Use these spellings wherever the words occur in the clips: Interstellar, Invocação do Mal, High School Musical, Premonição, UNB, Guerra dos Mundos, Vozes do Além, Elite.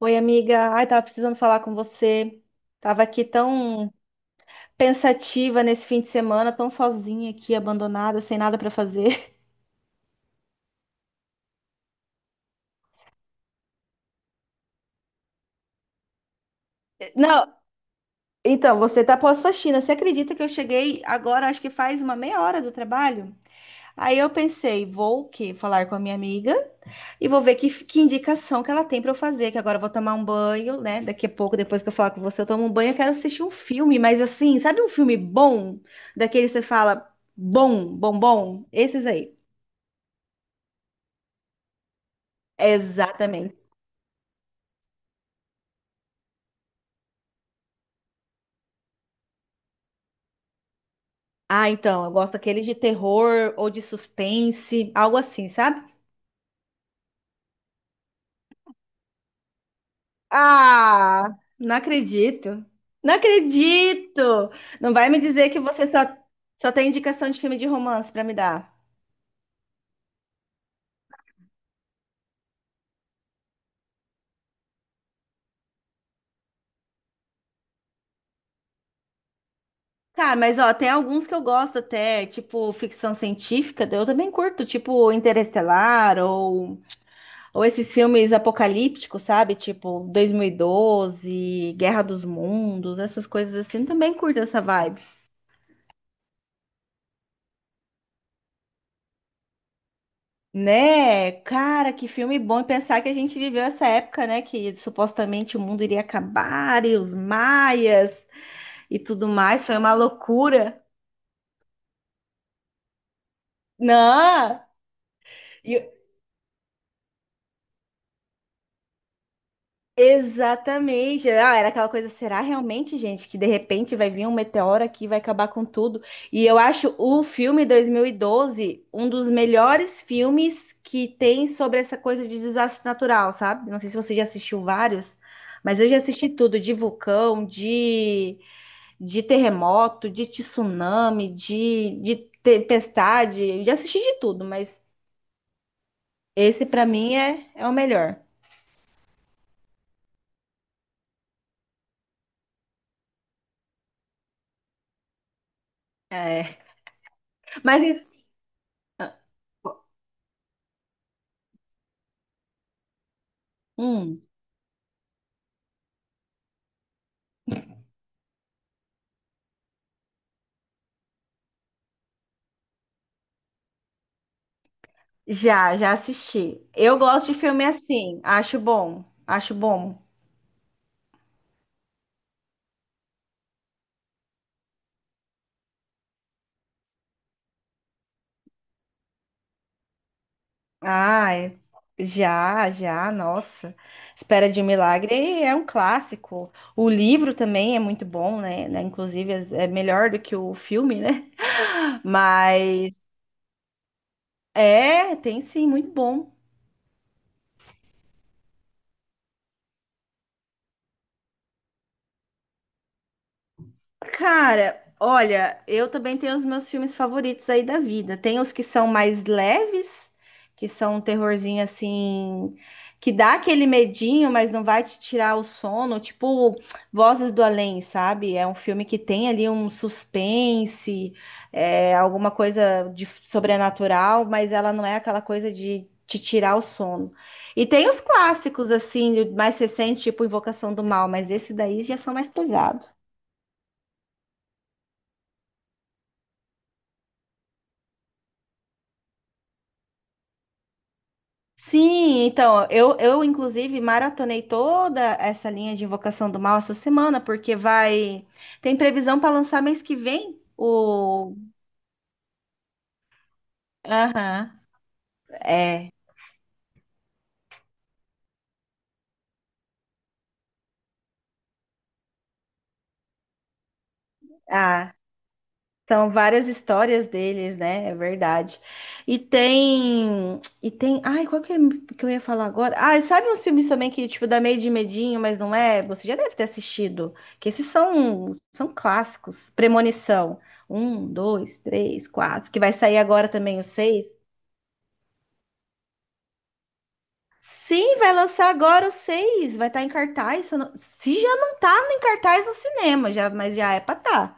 Oi, amiga. Ai, tava precisando falar com você. Tava aqui tão pensativa nesse fim de semana, tão sozinha aqui, abandonada, sem nada pra fazer. Não, então, você tá pós-faxina. Você acredita que eu cheguei agora, acho que faz uma meia hora do trabalho? Aí eu pensei, vou o quê? Falar com a minha amiga e vou ver que indicação que ela tem pra eu fazer, que agora eu vou tomar um banho, né? Daqui a pouco, depois que eu falar com você, eu tomo um banho, eu quero assistir um filme, mas assim, sabe um filme bom? Daquele que você fala, bom, bom, bom? Esses aí. Exatamente. Ah, então, eu gosto daqueles de terror ou de suspense, algo assim, sabe? Ah, não acredito. Não acredito! Não vai me dizer que só tem indicação de filme de romance pra me dar. Cara, mas ó, tem alguns que eu gosto até, tipo ficção científica, eu também curto, tipo Interestelar ou esses filmes apocalípticos, sabe? Tipo 2012, Guerra dos Mundos, essas coisas assim, também curto essa vibe. Né? Cara, que filme bom e pensar que a gente viveu essa época, né? Que supostamente o mundo iria acabar e os maias e tudo mais. Foi uma loucura. Não! E, Exatamente. Ah, era aquela coisa, será realmente, gente, que de repente vai vir um meteoro aqui e vai acabar com tudo? E eu acho o filme 2012 um dos melhores filmes que tem sobre essa coisa de desastre natural, sabe? Não sei se você já assistiu vários, mas eu já assisti tudo, de vulcão, de terremoto, de tsunami, de tempestade, eu já assisti de tudo, mas esse pra mim é o melhor. É. Mas, hum. Já assisti. Eu gosto de filme assim, acho bom, acho bom. Ai, já, já, nossa. Espera de um Milagre é um clássico. O livro também é muito bom, né? Né? Inclusive é melhor do que o filme, né? Mas é, tem sim, muito bom. Cara, olha, eu também tenho os meus filmes favoritos aí da vida. Tem os que são mais leves, que são um terrorzinho assim, que dá aquele medinho, mas não vai te tirar o sono, tipo Vozes do Além, sabe? É um filme que tem ali um suspense, é, alguma coisa de sobrenatural, mas ela não é aquela coisa de te tirar o sono. E tem os clássicos, assim, mais recentes, tipo Invocação do Mal, mas esse daí já são mais pesados. Sim, então, eu inclusive maratonei toda essa linha de Invocação do Mal essa semana, porque vai. Tem previsão para lançar mês que vem? O. Aham, é. Ah, são várias histórias deles, né? É verdade. E tem. E tem. Ai, qual que, é que eu ia falar agora? Ah, sabe uns filmes também que, tipo, dá meio de medinho, mas não é? Você já deve ter assistido. Que esses são clássicos. Premonição. Um, dois, três, quatro. Que vai sair agora também o seis. Sim, vai lançar agora o seis. Vai estar em cartaz. Se, eu não- se já não tá em cartaz no cinema, já, mas já é pra tá.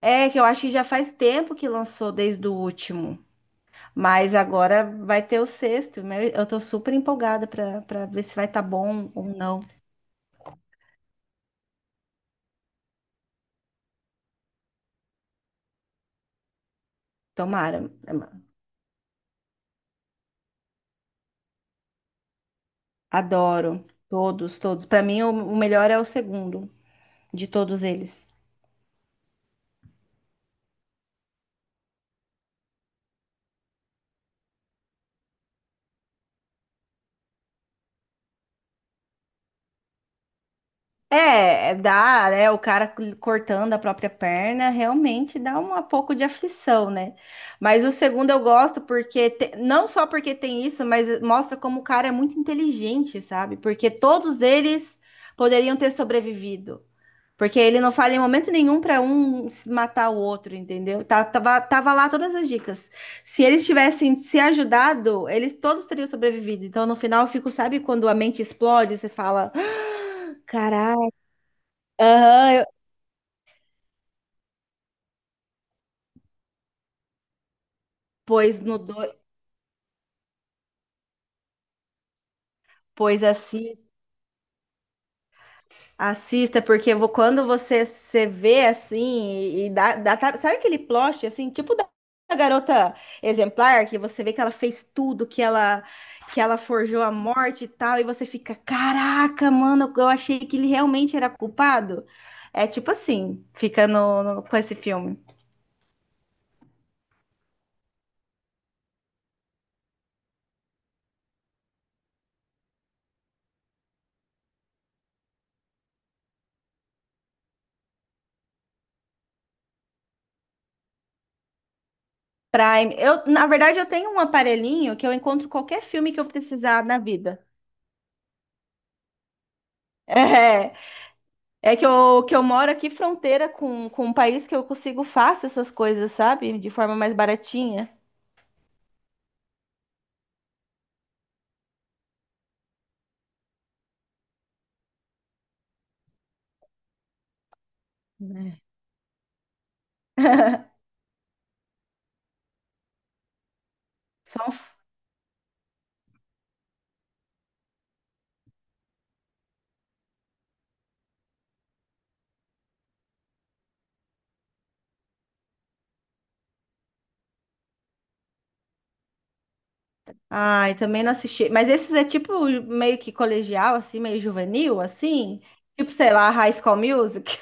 É, que eu acho que já faz tempo que lançou desde o último. Mas agora vai ter o sexto, né? Eu tô super empolgada para ver se vai estar bom ou não. Tomara. Adoro todos, todos. Para mim o melhor é o segundo de todos eles. É, é, dá, né? O cara cortando a própria perna realmente dá um pouco de aflição, né? Mas o segundo eu gosto porque te- não só porque tem isso, mas mostra como o cara é muito inteligente, sabe? Porque todos eles poderiam ter sobrevivido. Porque ele não fala em momento nenhum para um se matar o outro, entendeu? Tá- tava lá todas as dicas. Se eles tivessem se ajudado, eles todos teriam sobrevivido. Então, no final, eu fico, sabe quando a mente explode, você fala, "Ah, caralho, aham, eu- pois no do... pois assim." Assista, porque eu vou- quando você se vê assim, e dá, dá- tá- sabe aquele plot assim, tipo da garota exemplar, que você vê que ela fez tudo, que ela forjou a morte e tal, e você fica, caraca, mano, eu achei que ele realmente era culpado. É tipo assim, fica no, no- com esse filme. Prime. Eu, na verdade, eu tenho um aparelhinho que eu encontro qualquer filme que eu precisar na vida. É. É que eu moro aqui fronteira com um país que eu consigo fácil essas coisas, sabe? De forma mais baratinha. Né? Só um... f- Ai, também não assisti. Mas esses é tipo meio que colegial, assim, meio juvenil, assim. Tipo, sei lá, High School Music.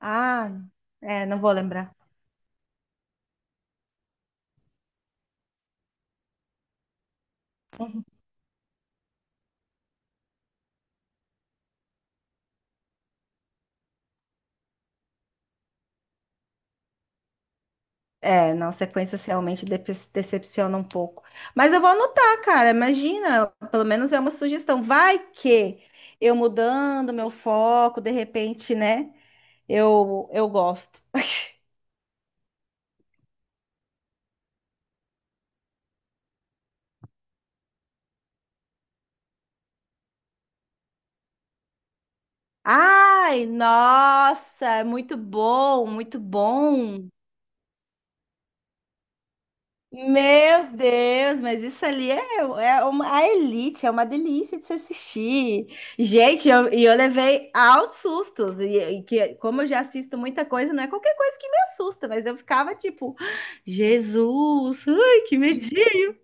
Ah, é, não vou lembrar. É, não, sequências realmente depe- decepcionam um pouco. Mas eu vou anotar, cara. Imagina, pelo menos é uma sugestão. Vai que eu mudando meu foco, de repente, né? Eu gosto. Ai, nossa, muito bom, muito bom. Meu Deus, mas isso ali é uma, a elite, é uma delícia de se assistir. Gente, eu- e eu, levei aos sustos, e que, como eu já assisto muita coisa, não é qualquer coisa que me assusta, mas eu ficava tipo, Jesus, ai, que medinho.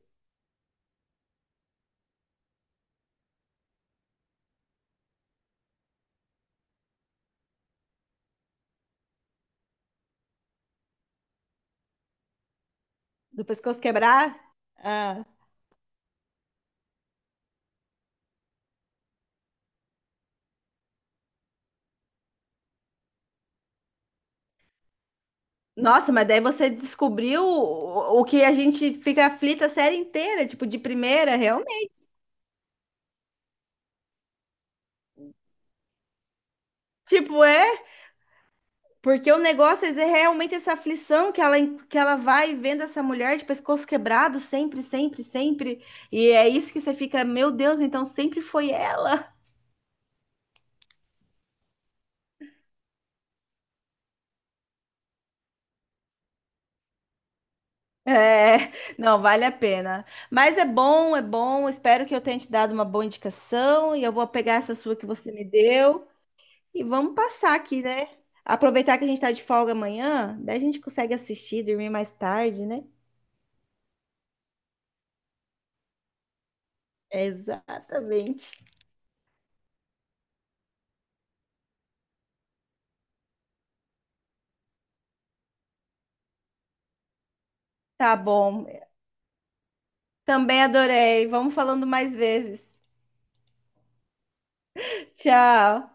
Do pescoço quebrar. Ah. Nossa, mas daí você descobriu o que a gente fica aflita a série inteira, tipo, de primeira. Tipo, é, porque o negócio é realmente essa aflição que ela vai vendo essa mulher de pescoço quebrado sempre, sempre, sempre. E é isso que você fica, meu Deus, então sempre foi ela. É, não, vale a pena. Mas é bom, é bom. Espero que eu tenha te dado uma boa indicação. E eu vou pegar essa sua que você me deu. E vamos passar aqui, né? Aproveitar que a gente tá de folga amanhã, daí a gente consegue assistir, dormir mais tarde, né? Exatamente. Tá bom. Também adorei. Vamos falando mais vezes. Tchau.